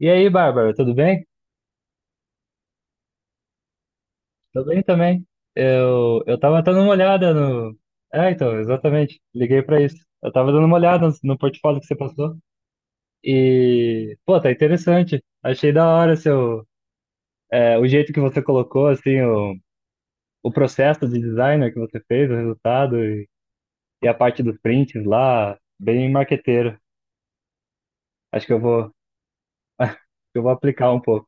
E aí, Bárbara, tudo bem? Tudo bem também. Eu tava dando uma olhada no. É, então, exatamente. Liguei pra isso. Eu tava dando uma olhada no portfólio que você passou. E, pô, tá interessante. Achei da hora seu, é, o jeito que você colocou, assim, o processo de designer que você fez, o resultado e a parte dos prints lá, bem marqueteiro. Acho que eu vou, eu vou aplicar um pouco.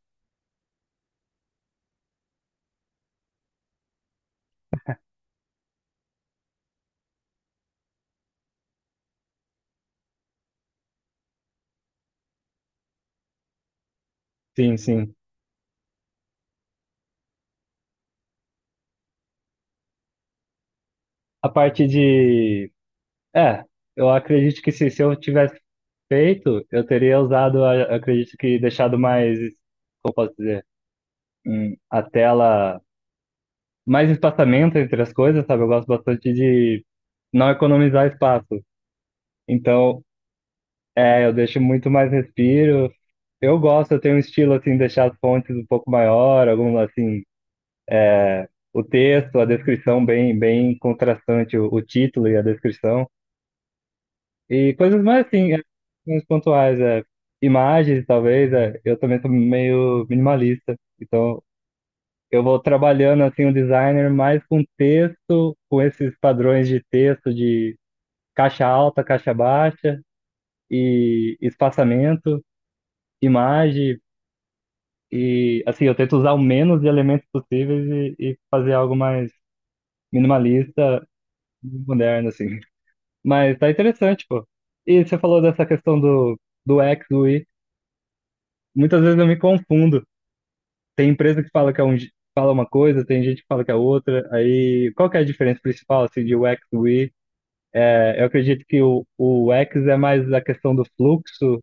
Sim, sim. A parte de. É, eu acredito que se eu tivesse feito, eu teria usado, acredito que deixado mais, como posso dizer, a tela, mais espaçamento entre as coisas, sabe? Eu gosto bastante de não economizar espaço. Então, é, eu deixo muito mais respiro. Eu gosto, eu tenho um estilo assim, deixar as fontes um pouco maior, algum assim, o texto, a descrição bem, bem contrastante, o título e a descrição. E coisas mais assim, é, uns pontuais, é, imagens, talvez, é, eu também sou meio minimalista. Então, eu vou trabalhando assim o designer mais com texto, com esses padrões de texto de caixa alta, caixa baixa e espaçamento, imagem e assim eu tento usar o menos de elementos possíveis e fazer algo mais minimalista, moderno assim. Mas tá interessante, pô. E você falou dessa questão do X, do Y. Muitas vezes eu me confundo. Tem empresa que fala que é um, fala uma coisa, tem gente que fala que é outra. Aí qual que é a diferença principal assim de U X UX, UI. É, eu acredito que o X é mais a questão do fluxo.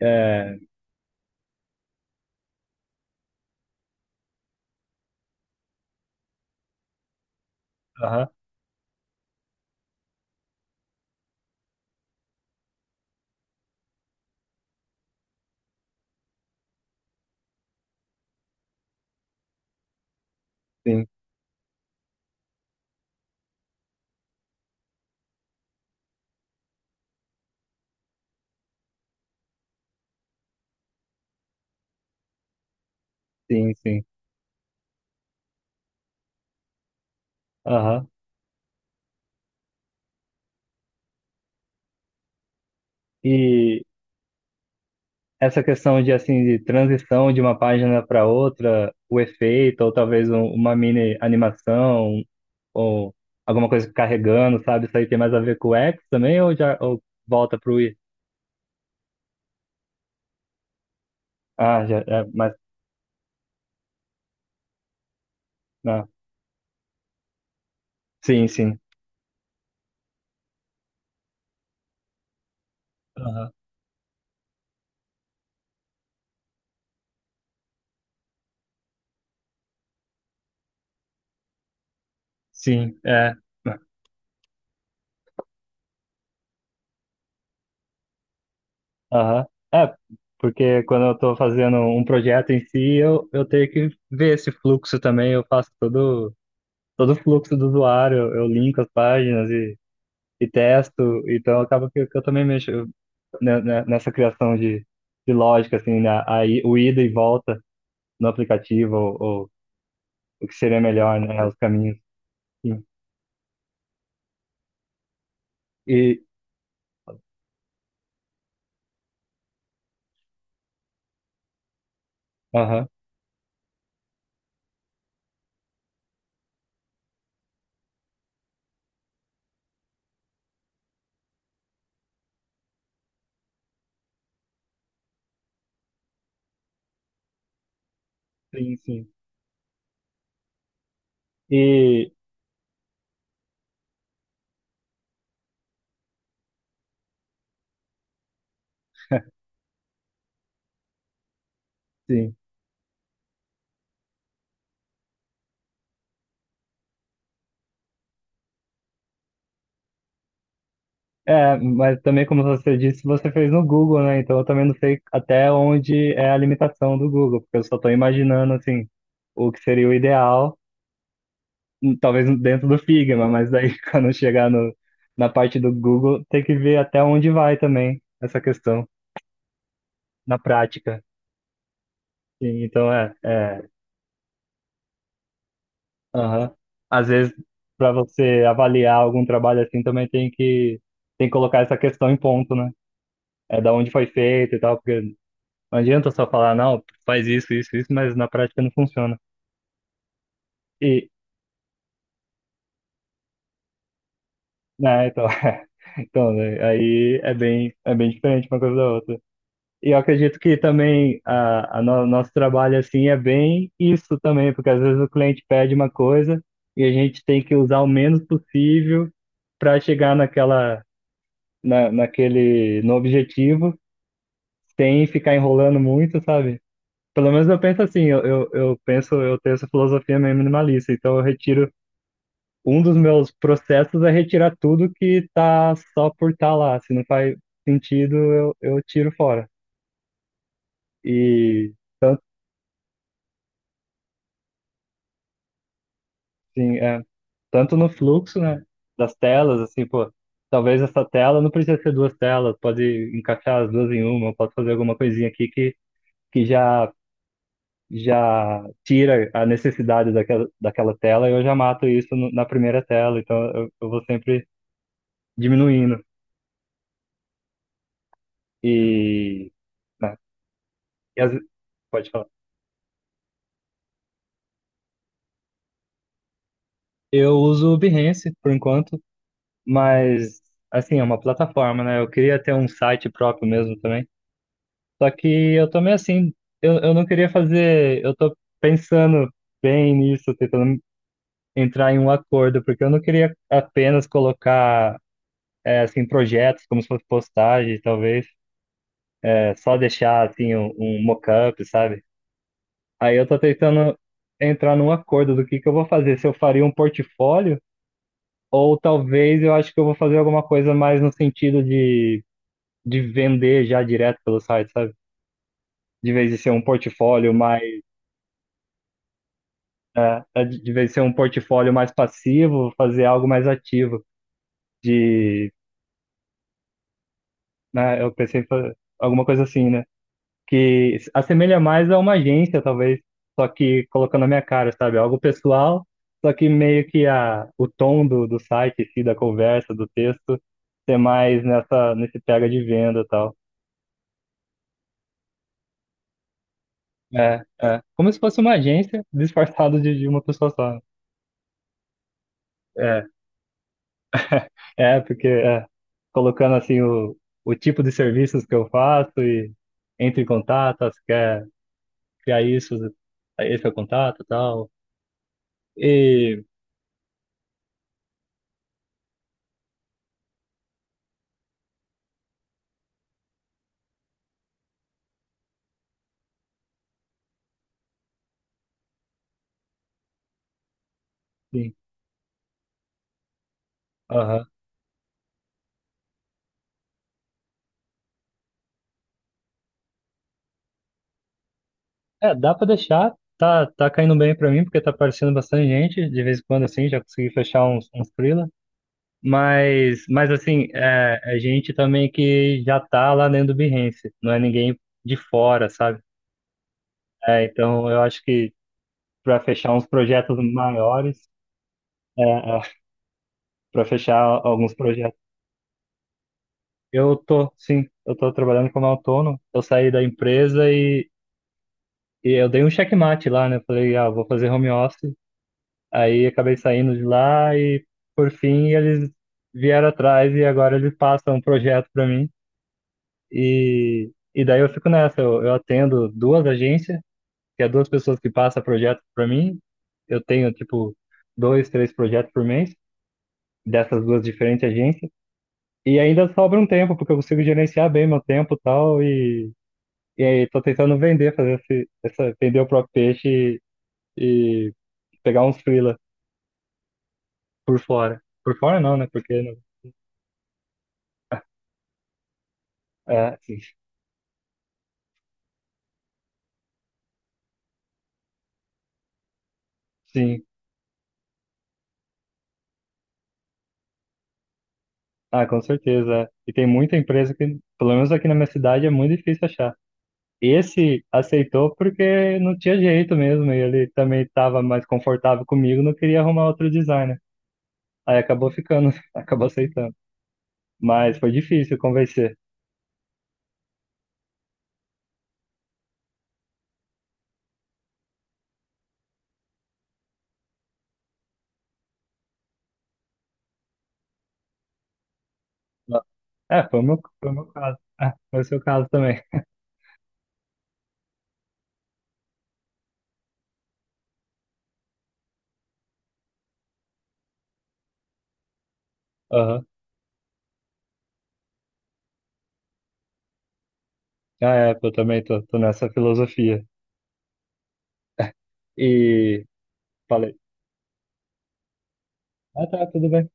É, aham, sim, sim, sim. Aham. E essa questão de assim de transição de uma página para outra, o efeito, ou talvez uma mini animação, ou alguma coisa carregando, sabe? Isso aí tem mais a ver com o X também, ou já ou volta para o I. Ah, já, é, mas. Ah, sim, sim. Aham. Sim, é. Aham. É, porque quando eu estou fazendo um projeto em si, eu tenho que ver esse fluxo também. Eu faço todo, todo o fluxo do usuário, eu linko as páginas e testo. Então, acaba que eu também mexo né, nessa criação de lógica, assim, né? Aí, o ida e volta no aplicativo, ou o que seria melhor, né? Os caminhos. Sim. E, aham, sim, sim. E, sim. É, mas também, como você disse, você fez no Google, né? Então eu também não sei até onde é a limitação do Google, porque eu só estou imaginando, assim, o que seria o ideal, talvez dentro do Figma, mas daí quando chegar no, na parte do Google, tem que ver até onde vai também essa questão na prática. Sim, então é, é, aham. Às vezes, para você avaliar algum trabalho assim, também tem que colocar essa questão em ponto, né? É da onde foi feito e tal, porque não adianta só falar, não, faz isso, isso, isso, mas na prática não funciona. E, né, então, então, né, aí é bem diferente uma coisa da outra. E eu acredito que também a, nosso trabalho, assim, é bem isso também, porque às vezes o cliente pede uma coisa e a gente tem que usar o menos possível para chegar naquela, na, naquele, no objetivo, sem ficar enrolando muito, sabe? Pelo menos eu penso assim, eu, eu penso, eu tenho essa filosofia meio minimalista, então eu retiro um dos meus processos é retirar tudo que tá só por estar tá lá. Se não faz sentido, eu tiro fora. E, sim, é, tanto no fluxo, né, das telas, assim, pô, talvez essa tela não precisa ser duas telas, pode encaixar as duas em uma. Pode fazer alguma coisinha aqui que já, já tira a necessidade daquela, daquela tela e eu já mato isso na primeira tela. Então, eu vou sempre diminuindo. E, né, e as, pode falar. Eu uso o Behance por enquanto, mas assim, é uma plataforma, né? Eu queria ter um site próprio mesmo também. Só que eu tô meio assim, eu não queria fazer, eu tô pensando bem nisso, tentando entrar em um acordo, porque eu não queria apenas colocar é, assim projetos como se fosse postagem, talvez, é, só deixar assim um, um mock-up, sabe? Aí eu tô tentando entrar num acordo do que eu vou fazer, se eu faria um portfólio, ou talvez eu acho que eu vou fazer alguma coisa mais no sentido de vender já direto pelo site, sabe? De vez de ser um portfólio mais, né, é, de vez de ser um portfólio mais passivo, fazer algo mais ativo. De, né, eu pensei em alguma coisa assim, né? Que se assemelha mais a uma agência, talvez, só que colocando a minha cara, sabe? Algo pessoal, só que meio que a, o tom do, do site, em si, da conversa, do texto, ser mais nessa, nesse pega de venda e tal. É, é. Como se fosse uma agência disfarçada de uma pessoa só. É, é, porque é, colocando assim o tipo de serviços que eu faço e entre em contato, se quer criar isso, esse é o contato e tal. E, sim, aham. É, dá pra deixar, tá, tá caindo bem pra mim, porque tá aparecendo bastante gente, de vez em quando assim, já consegui fechar uns, uns freela. Mas assim, é, é gente também que já tá lá dentro do Behance, não é ninguém de fora, sabe? É, então eu acho que para fechar uns projetos maiores, é, é, para fechar alguns projetos, eu tô, sim, eu tô trabalhando como autônomo. Eu saí da empresa e eu dei um checkmate lá, né? Eu falei, ah, vou fazer home office. Aí acabei saindo de lá e por fim eles vieram atrás e agora eles passam um projeto para mim e e daí eu fico nessa. Eu atendo duas agências, que é duas pessoas que passam projeto para mim. Eu tenho tipo dois, três projetos por mês, dessas duas diferentes agências. E ainda sobra um tempo, porque eu consigo gerenciar bem meu tempo e tal, e aí tô tentando vender, fazer esse, essa, vender o próprio peixe e pegar uns freela por fora. Por fora não, né? Porque não, é, sim. Sim. Ah, com certeza, é. E tem muita empresa que, pelo menos aqui na minha cidade, é muito difícil achar. Esse aceitou porque não tinha jeito mesmo, e ele também estava mais confortável comigo, não queria arrumar outro designer. Aí acabou ficando, acabou aceitando. Mas foi difícil convencer. Ah, é, foi o meu caso. É, foi o seu caso também. Aham. Ah, é, eu também tô, tô nessa filosofia. É, e falei, ah, tá, tudo bem.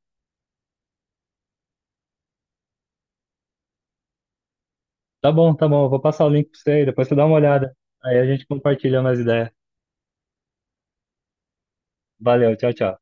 Tá bom, eu vou passar o link pra você aí, depois você dá uma olhada. Aí a gente compartilha mais ideias. Valeu, tchau, tchau.